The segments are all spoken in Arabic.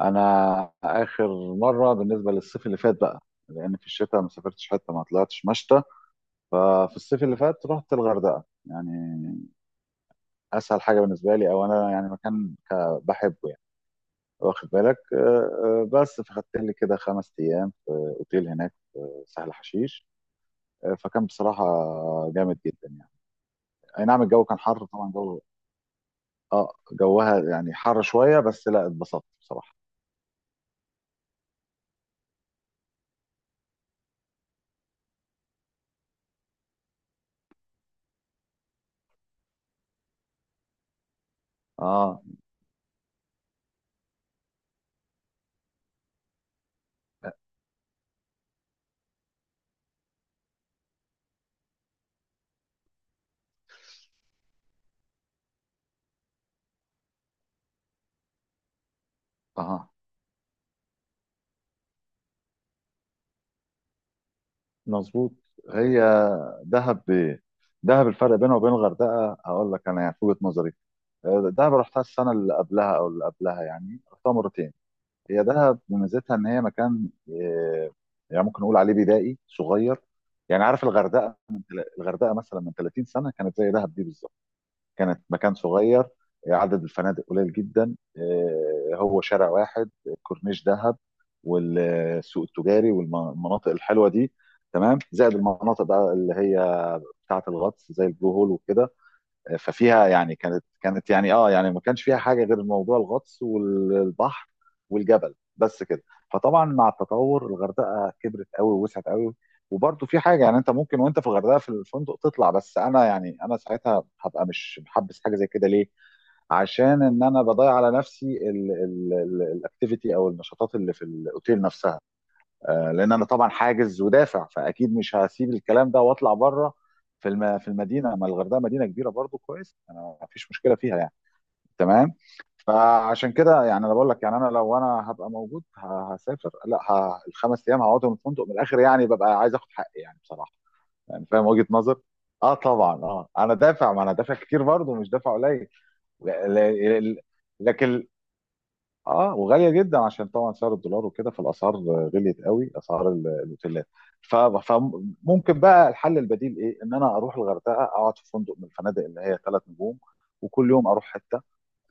انا اخر مره، بالنسبه للصيف اللي فات بقى، لان في الشتاء ما سافرتش، حته ما طلعتش مشتى. ففي الصيف اللي فات رحت الغردقه، يعني اسهل حاجه بالنسبه لي، او انا يعني مكان بحبه يعني، واخد بالك. بس فخدت لي كده خمس ايام في اوتيل هناك، في سهل حشيش. فكان بصراحه جامد جدا يعني. اي نعم، الجو كان حر طبعا، جو اه جوها يعني حر شويه، بس لا اتبسطت بصراحه. اه، اه، مظبوط. هي دهب ب... دهب الفرق بينها وبين الغردقه هقول لك انا، يعني في وجهه نظري، دهب رحتها السنه اللي قبلها او اللي قبلها، يعني رحتها مرتين. هي دهب ميزتها ان هي مكان، يعني ممكن نقول عليه بدائي صغير. يعني عارف الغردقه الغردقه مثلا من 30 سنه كانت زي دهب دي بالظبط. كانت مكان صغير، عدد الفنادق قليل جدا، هو شارع واحد، كورنيش دهب، والسوق التجاري والمناطق الحلوه دي. تمام، زائد المناطق بقى اللي هي بتاعه الغطس، زي البلو هول وكده. ففيها يعني كانت يعني اه يعني ما كانش فيها حاجه غير موضوع الغطس والبحر والجبل، بس كده. فطبعا مع التطور الغردقه كبرت قوي ووسعت قوي، وبرضه في حاجه، يعني انت ممكن وانت في الغردقه في الفندق تطلع، بس انا يعني انا ساعتها هبقى مش محبس حاجه زي كده، ليه؟ عشان ان انا بضيع على نفسي الاكتيفيتي او النشاطات اللي في الاوتيل نفسها، لان انا طبعا حاجز ودافع، فاكيد مش هسيب الكلام ده واطلع بره. في المدينه، ما الغردقه مدينه كبيره برضو، كويس، انا ما فيش مشكله فيها يعني. تمام. فعشان كده يعني انا بقول لك، يعني انا لو انا هبقى موجود هسافر، لا الخمس ايام هقعدهم في الفندق من الاخر، يعني ببقى عايز اخد حقي يعني بصراحه. يعني فاهم وجهه نظر. اه طبعا، اه انا دافع، ما انا دافع كتير برضو، مش دافع قليل. ل... ل... ل... لكن اه، وغاليه جدا عشان طبعا سعر الدولار وكده، فالاسعار غليت قوي، اسعار الاوتيلات. فممكن بقى الحل البديل ايه؟ ان انا اروح الغردقه، اقعد في فندق من الفنادق اللي هي ثلاث نجوم، وكل يوم اروح حته،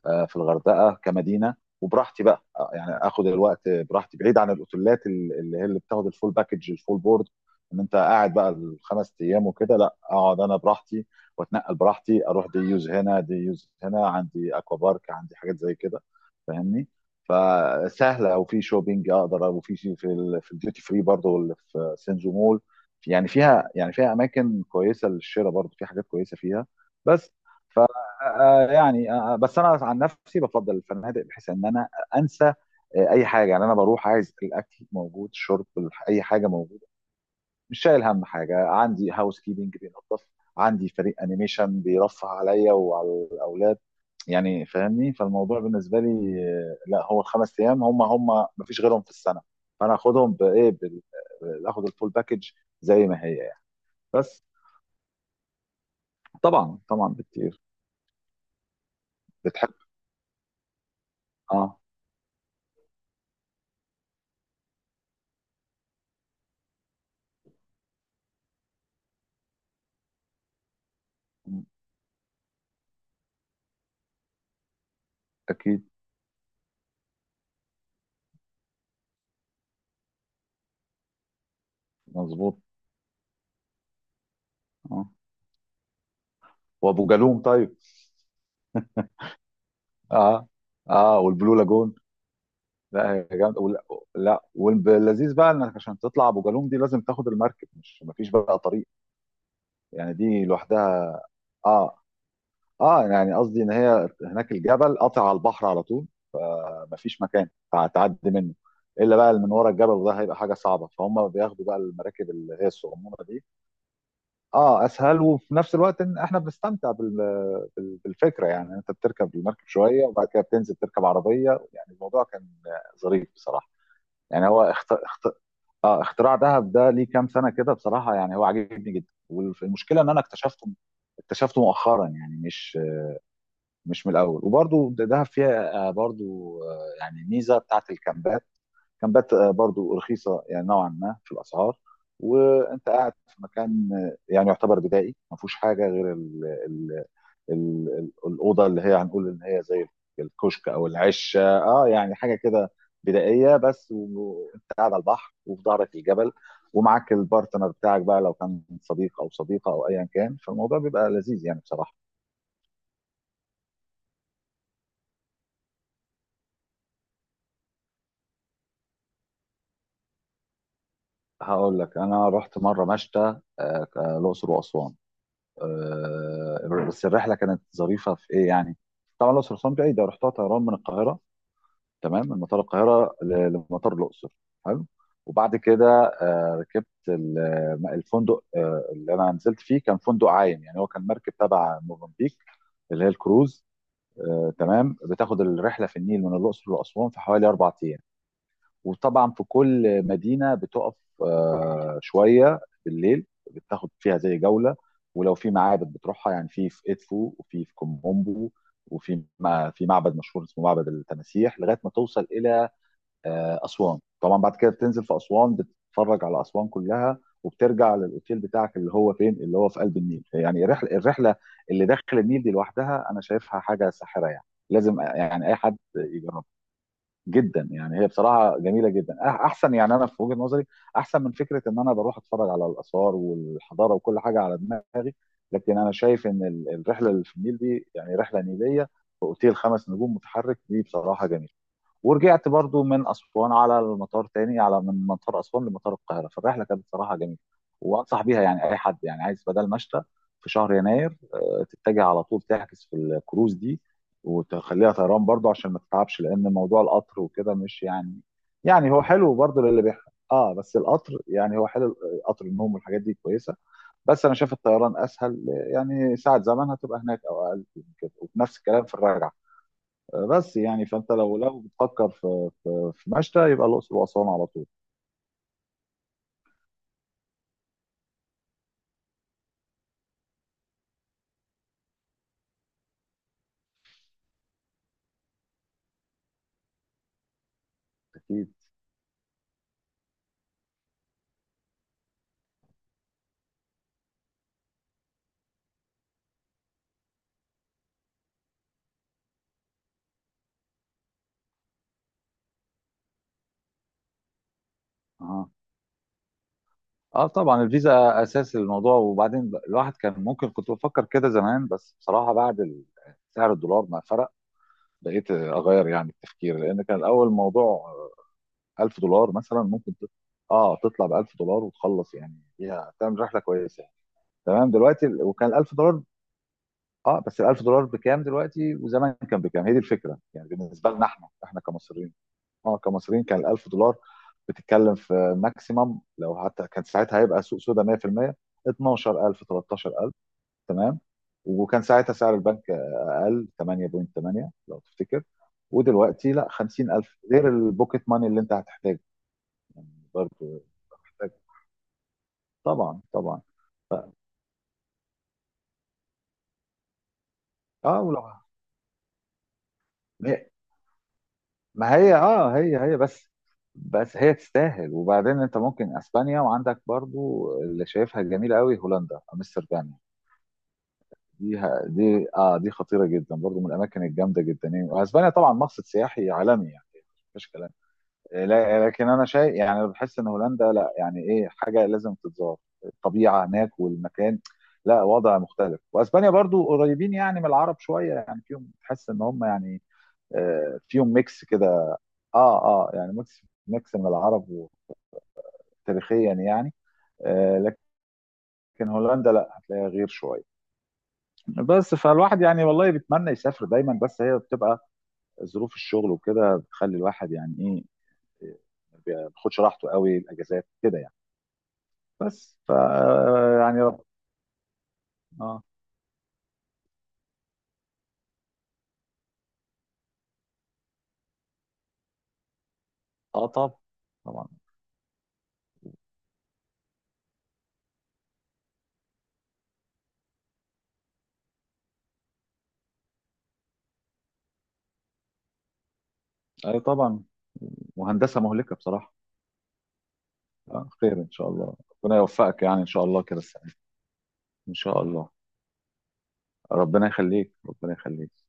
في الغردقه كمدينه، وبراحتي بقى، يعني اخد الوقت براحتي بعيد عن الاوتيلات اللي هي اللي بتاخد الفول باكج، الفول بورد، ان انت قاعد بقى الخمس ايام وكده. لا، اقعد انا براحتي، واتنقل براحتي، اروح دي يوز هنا، دي يوز هنا، عندي اكوا بارك، عندي حاجات زي كده، فاهمني. فسهله، وفي شوبينج اقدر، وفي شيء في ال في الديوتي فري برضه، واللي في سينزو مول، يعني فيها، فيها اماكن كويسه للشراء، برضه في حاجات كويسه فيها. بس بس انا عن نفسي بفضل الفنادق، بحيث ان انا انسى اي حاجه، يعني انا بروح عايز الاكل موجود، الشرب، اي حاجه موجوده. مش شايل هم حاجه، عندي هاوس كيبنج بينظف، عندي فريق انيميشن بيرفه عليا وعلى الاولاد. يعني فاهمني، فالموضوع بالنسبه لي، لا، هو الخمس ايام هم، هم مفيش غيرهم في السنه، فانا اخدهم بايه اخد الفول باكج زي ما هي يعني. بس. طبعا، طبعا بكتير. بتحب. اه، اكيد. مظبوط. اه، وابو جالوم طيب. اه، اه، والبلو لاجون. لا يا جامد، ولا لا، واللذيذ بقى انك عشان تطلع ابو جالوم دي لازم تاخد المركب، مش مفيش بقى طريق. يعني دي لوحدها. اه، اه، يعني قصدي ان هي هناك الجبل قاطع على البحر على طول، فمفيش مكان هتعدي منه، الا بقى اللي من ورا الجبل، وده هيبقى حاجه صعبه، فهم بياخدوا بقى المراكب اللي هي الصغنونه دي. اه، اسهل وفي نفس الوقت ان احنا بنستمتع بالفكره، يعني انت بتركب المركب شويه وبعد كده بتنزل تركب عربيه، يعني الموضوع كان ظريف بصراحه. يعني هو اختراع دهب ده ليه كام سنه كده بصراحه، يعني هو عاجبني جدا، والمشكله ان انا اكتشفته، مؤخرا، يعني مش من الاول. وبرضو دهب فيها، برضو يعني ميزه بتاعت الكامبات، كامبات برضو رخيصه يعني نوعا ما في الاسعار. وانت قاعد في مكان، يعني يعتبر بدائي، ما فيهوش حاجه غير ال ال ال ال الاوضه اللي هي هنقول ان هي زي الكشك او العشه، اه يعني حاجه كده بدائيه، بس وانت قاعد على البحر وفي ظهرك الجبل، ومعاك البارتنر بتاعك بقى، لو كان صديق او صديقه او ايا كان، فالموضوع بيبقى لذيذ يعني بصراحه. هقول لك، انا رحت مره مشتى، الاقصر واسوان. بس الرحله كانت ظريفه في ايه يعني. طبعا الاقصر واسوان بعيده، رحتها طيران من القاهره، تمام، من مطار القاهره لمطار الاقصر. حلو. وبعد كده، ركبت الفندق، اللي انا نزلت فيه كان فندق عايم، يعني هو كان مركب تبع موزمبيق، اللي هي الكروز. تمام، بتاخد الرحله في النيل من الاقصر لاسوان في حوالي اربع ايام، وطبعا في كل مدينه بتقف شويه بالليل، بتاخد فيها زي جوله، ولو في معابد بتروحها، يعني في ادفو وفي كومبو، وفي ما في معبد مشهور اسمه معبد التماسيح، لغايه ما توصل الى اسوان. طبعا بعد كده بتنزل في اسوان، بتتفرج على اسوان كلها، وبترجع للاوتيل بتاعك اللي هو فين، اللي هو في قلب النيل. يعني الرحله اللي داخل النيل دي لوحدها انا شايفها حاجه ساحره يعني، لازم يعني اي حد يجربها. جدا يعني، هي بصراحه جميله جدا، احسن يعني، انا في وجهه نظري احسن من فكره ان انا بروح اتفرج على الاثار والحضاره وكل حاجه على دماغي، لكن انا شايف ان الرحله اللي في النيل دي، يعني رحله نيليه في اوتيل خمس نجوم متحرك، دي بصراحه جميله. ورجعت برضو من اسوان على المطار تاني، على من مطار اسوان لمطار القاهره، فالرحله كانت صراحه جميله، وانصح بيها يعني اي حد يعني عايز بدل مشتى في شهر يناير، تتجه على طول تحجز في الكروز دي، وتخليها طيران برضو عشان ما تتعبش، لان موضوع القطر وكده مش يعني، يعني هو حلو برضو للي بيحب. اه، بس القطر يعني هو حلو، قطر النوم والحاجات دي كويسه، بس انا شايف الطيران اسهل، يعني ساعه زمن هتبقى هناك او اقل من كده، وبنفس الكلام في الرجعه. بس يعني، فانت لو بتفكر في مشتى، يبقى الاقصر واسوان على طول. اكيد. اه، اه طبعا، الفيزا اساس الموضوع، وبعدين الواحد كان ممكن، كنت بفكر كده زمان، بس بصراحه بعد سعر الدولار ما فرق، بقيت اغير يعني التفكير، لان كان الاول الموضوع 1000 دولار مثلا، ممكن اه تطلع ب 1000 دولار وتخلص، يعني فيها تعمل رحله كويسه يعني. تمام، دلوقتي وكان ال 1000 دولار، اه، بس ال 1000 دولار بكام دلوقتي، وزمان كان بكام؟ هي دي الفكره يعني بالنسبه لنا، احنا كمصريين. اه كمصريين، كان ال 1000 دولار بتتكلم في ماكسيمم، لو حتى كان ساعتها، هيبقى سوق سودا، 100%، 12000، 13000. تمام، وكان ساعتها سعر البنك اقل، 8.8 لو تفتكر. ودلوقتي لا، 50000 غير البوكيت ماني اللي انت هتحتاجه يعني. برضه محتاج. طبعا طبعا. اه ولو هي- ما هي، هي بس، بس هي تستاهل. وبعدين انت ممكن اسبانيا، وعندك برضو اللي شايفها جميله قوي، هولندا، امستردام دي دي خطيره جدا برضو، من الاماكن الجامده جدا يعني، واسبانيا طبعا مقصد سياحي عالمي يعني، مفيش كلام. لكن انا شايف يعني، أنا بحس ان هولندا لا، يعني ايه حاجه لازم تتزار، الطبيعه هناك والمكان، لا وضع مختلف. واسبانيا برضو قريبين يعني من العرب شويه، يعني فيهم تحس ان هم يعني، فيهم ميكس كده. اه، اه، يعني ميكس ميكس من العرب تاريخيا يعني، لكن هولندا لا، هتلاقيها غير شويه. بس فالواحد يعني والله بيتمنى يسافر دايما، بس هي بتبقى ظروف الشغل وكده، بتخلي الواحد يعني ايه، ما بياخدش راحته قوي الاجازات كده يعني. بس ف، يعني رب. اه، اه طب، طبعا. اي طبعا، وهندسه مهلكه بصراحه. آه، خير ان شاء الله. ربنا يوفقك يعني، ان شاء الله كده السنه دي. ان شاء الله، ربنا يخليك، ربنا يخليك.